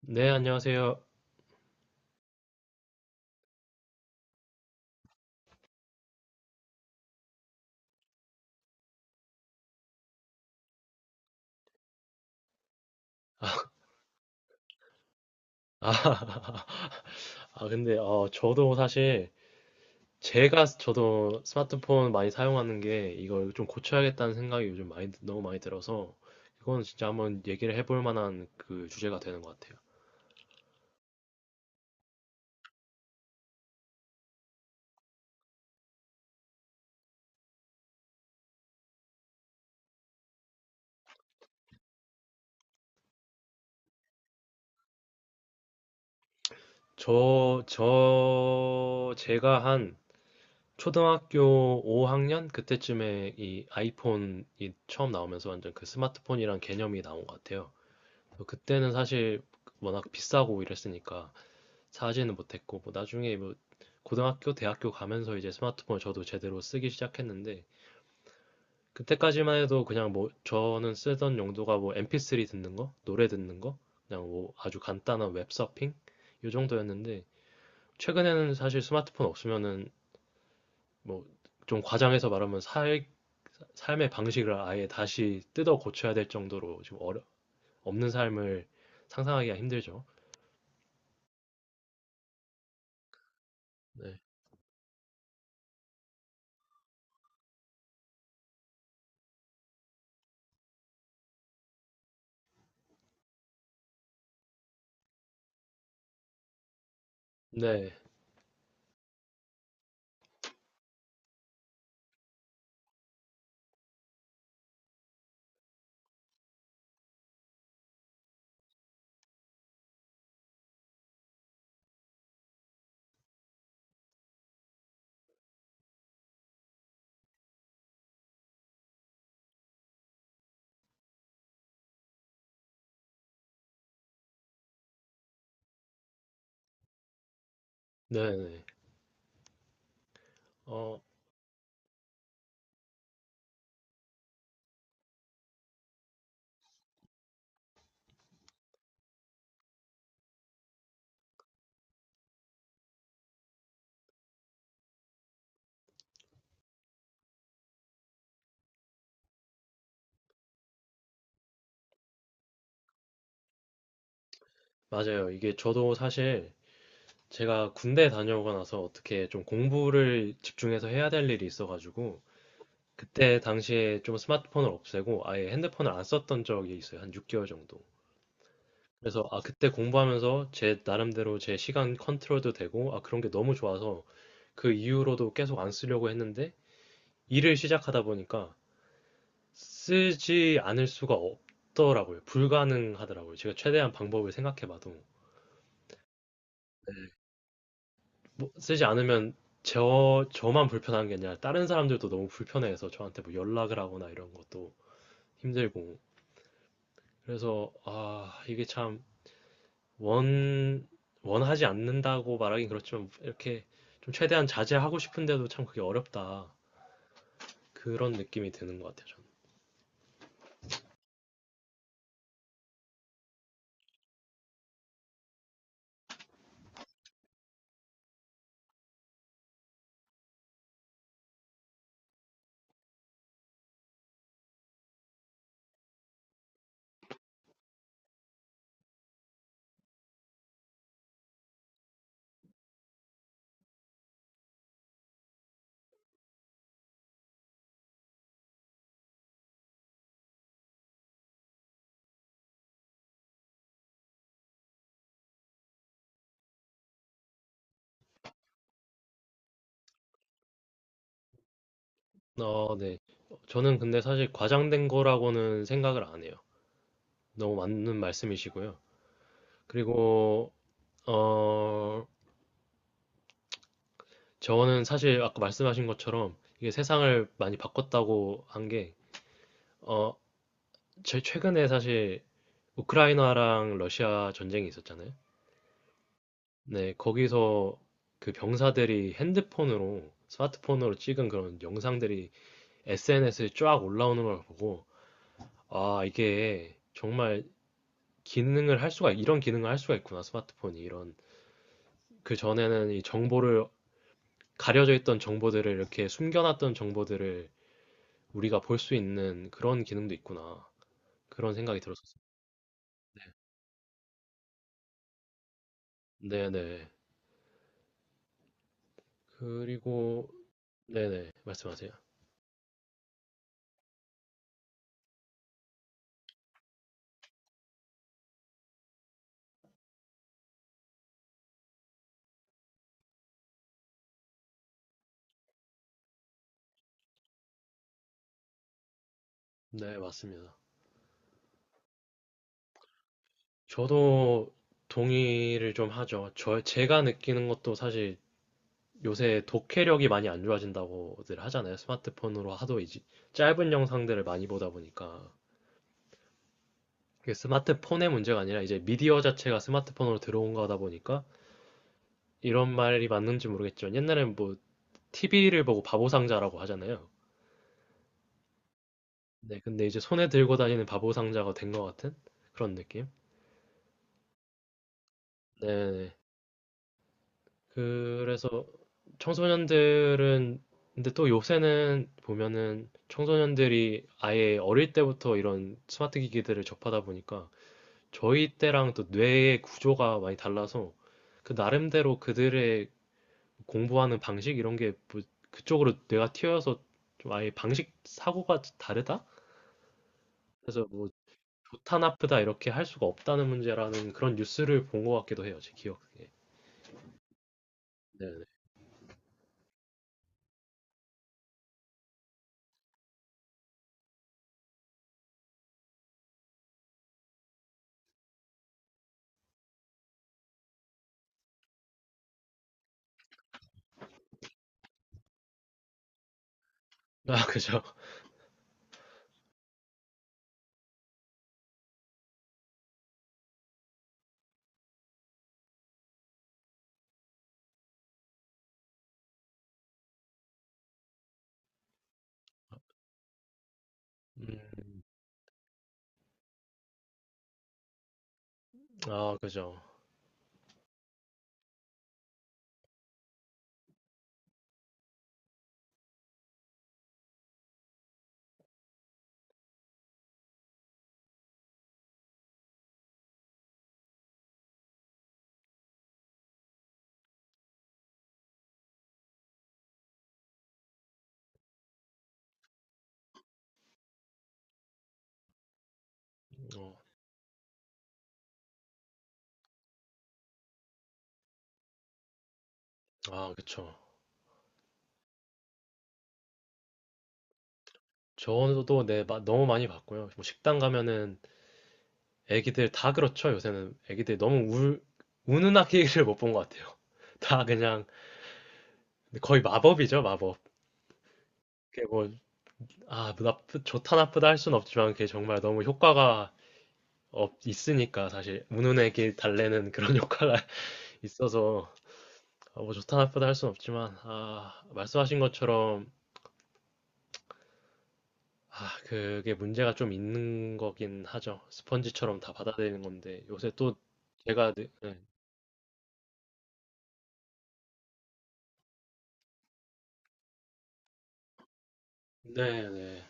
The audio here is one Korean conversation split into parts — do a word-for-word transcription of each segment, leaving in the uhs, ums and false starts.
네, 안녕하세요. 아, 아, 근데, 어, 저도 사실, 제가 저도 스마트폰 많이 사용하는 게 이걸 좀 고쳐야겠다는 생각이 요즘 많이, 너무 많이 들어서, 이건 진짜 한번 얘기를 해볼 만한 그 주제가 되는 것 같아요. 저, 저, 제가 한 초등학교 오 학년? 그때쯤에 이 아이폰이 처음 나오면서 완전 그 스마트폰이란 개념이 나온 것 같아요. 그래서 그때는 사실 워낙 비싸고 이랬으니까, 사지는 못했고 뭐 나중에 뭐 고등학교, 대학교 가면서 이제 스마트폰을 저도 제대로 쓰기 시작했는데 그때까지만 해도 그냥 뭐 저는 쓰던 용도가 뭐 엠피쓰리 듣는 거, 노래 듣는 거, 그냥 뭐 아주 간단한 웹서핑 요 정도였는데 최근에는 사실 스마트폰 없으면은 뭐 좀 과장해서 말하면 살, 삶의 방식을 아예 다시 뜯어 고쳐야 될 정도로 지금 어려, 없는 삶을 상상하기가 힘들죠. 네. 네. 네. 네. 어, 맞아요. 이게 저도 사실 제가 군대 다녀오고 나서 어떻게 좀 공부를 집중해서 해야 될 일이 있어가지고 그때 당시에 좀 스마트폰을 없애고 아예 핸드폰을 안 썼던 적이 있어요. 한 육 개월 정도. 그래서 아 그때 공부하면서 제 나름대로 제 시간 컨트롤도 되고 아 그런 게 너무 좋아서 그 이후로도 계속 안 쓰려고 했는데 일을 시작하다 보니까 쓰지 않을 수가 없더라고요. 불가능하더라고요. 제가 최대한 방법을 생각해봐도. 뭐, 쓰지 않으면 저, 저만 불편한 게 아니라 다른 사람들도 너무 불편해서 저한테 뭐 연락을 하거나 이런 것도 힘들고. 그래서, 아, 이게 참 원, 원하지 않는다고 말하긴 그렇지만 이렇게 좀 최대한 자제하고 싶은데도 참 그게 어렵다. 그런 느낌이 드는 것 같아요, 저는. 어, 네. 저는 근데 사실 과장된 거라고는 생각을 안 해요. 너무 맞는 말씀이시고요. 그리고, 어, 저는 사실 아까 말씀하신 것처럼 이게 세상을 많이 바꿨다고 한 게, 어, 제 최근에 사실 우크라이나랑 러시아 전쟁이 있었잖아요. 네, 거기서 그 병사들이 핸드폰으로, 스마트폰으로 찍은 그런 영상들이 에스엔에스에 쫙 올라오는 걸 보고, 아, 이게 정말 기능을 할 수가, 이런 기능을 할 수가 있구나, 스마트폰이. 이런. 그 전에는 이 정보를, 가려져 있던 정보들을 이렇게 숨겨놨던 정보들을 우리가 볼 수 있는 그런 기능도 있구나. 그런 생각이 들었었어요. 네네. 그리고 네네. 말씀하세요. 네, 맞습니다. 저도 동의를 좀 하죠. 저 제가 느끼는 것도 사실 요새 독해력이 많이 안 좋아진다고들 하잖아요. 스마트폰으로 하도 이제 짧은 영상들을 많이 보다 보니까 그게 스마트폰의 문제가 아니라 이제 미디어 자체가 스마트폰으로 들어온 거다 보니까 이런 말이 맞는지 모르겠지만 옛날엔 뭐 티비를 보고 바보상자라고 하잖아요. 네, 근데 이제 손에 들고 다니는 바보 상자가 된 것 같은 그런 느낌? 네네. 그래서 청소년들은, 근데 또 요새는 보면은 청소년들이 아예 어릴 때부터 이런 스마트 기기들을 접하다 보니까 저희 때랑 또 뇌의 구조가 많이 달라서 그 나름대로 그들의 공부하는 방식 이런 게뭐 그쪽으로 뇌가 튀어서 좀 아예 방식 사고가 다르다? 그래서 뭐 좋다 나쁘다 이렇게 할 수가 없다는 문제라는 그런 뉴스를 본 것 같기도 해요, 제 기억에. 네네. 아, 그죠. 음, 아, 그죠. 어, 아, 그쵸. 저도 네, 마- 너무 많이 봤고요. 뭐 식당 가면은 애기들 다 그렇죠. 요새는 애기들 너무 울, 우는 아기를 못 본 것 같아요. 다 그냥 거의 마법이죠, 마법. 그게 뭐, 아, 나쁘, 좋다 나쁘다 할 순 없지만 그게 정말 너무 효과가 없, 있으니까 사실 우는 애기 달래는 그런 효과가 있어서 어, 뭐 좋다 나쁘다 할 순 없지만 아, 말씀하신 것처럼 아, 그게 문제가 좀 있는 거긴 하죠. 스펀지처럼 다 받아들이는 건데 요새 또 제가 네, 네, 네, 네.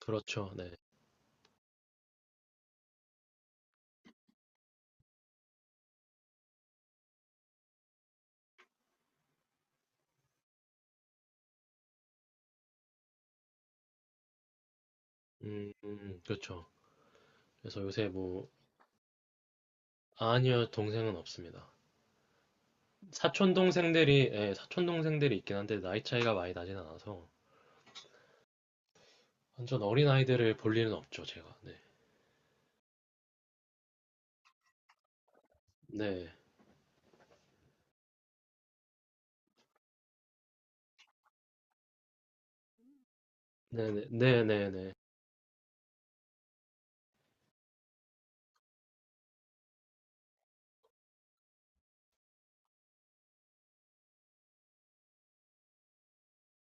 그렇죠. 네. 음, 음, 그렇죠. 그래서 요새 뭐 아니요 동생은 없습니다. 사촌 동생들이 예, 사촌 동생들이 있긴 한데 나이 차이가 많이 나진 않아서 완전 어린 아이들을 볼 일은 없죠 제가. 네, 네, 네, 네, 네, 네, 네,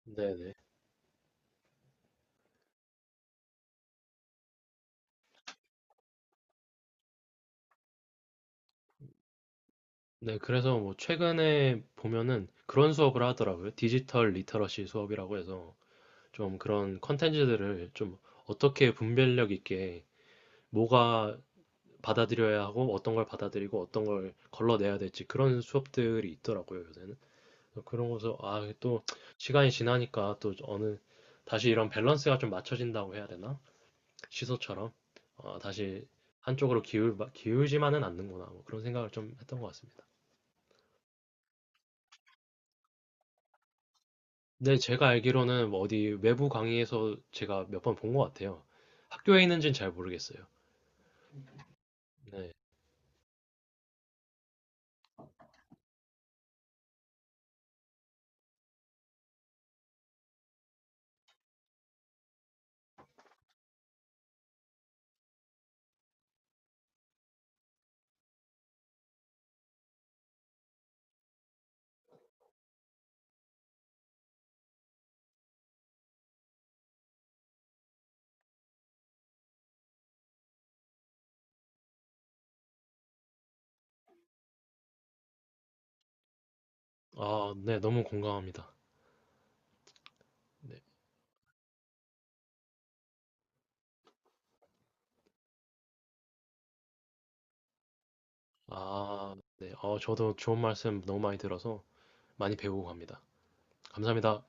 네. 네. 네, 그래서 뭐 최근에 보면은 그런 수업을 하더라고요. 디지털 리터러시 수업이라고 해서 좀 그런 컨텐츠들을 좀 어떻게 분별력 있게 뭐가 받아들여야 하고 어떤 걸 받아들이고 어떤 걸 걸러내야 될지 그런 수업들이 있더라고요, 요새는. 그래서 그런 거서 아, 또 시간이 지나니까 또 어느 다시 이런 밸런스가 좀 맞춰진다고 해야 되나? 시소처럼 어, 다시 한쪽으로 기울 기울지만은 않는구나. 뭐 그런 생각을 좀 했던 것 같습니다. 네, 제가 알기로는 뭐 어디 외부 강의에서 제가 몇 번 본 것 같아요. 학교에 있는지는 잘 모르겠어요. 네. 아, 네, 너무 공감합니다. 아, 네. 어, 저도 좋은 말씀 너무 많이 들어서 많이 배우고 갑니다. 감사합니다.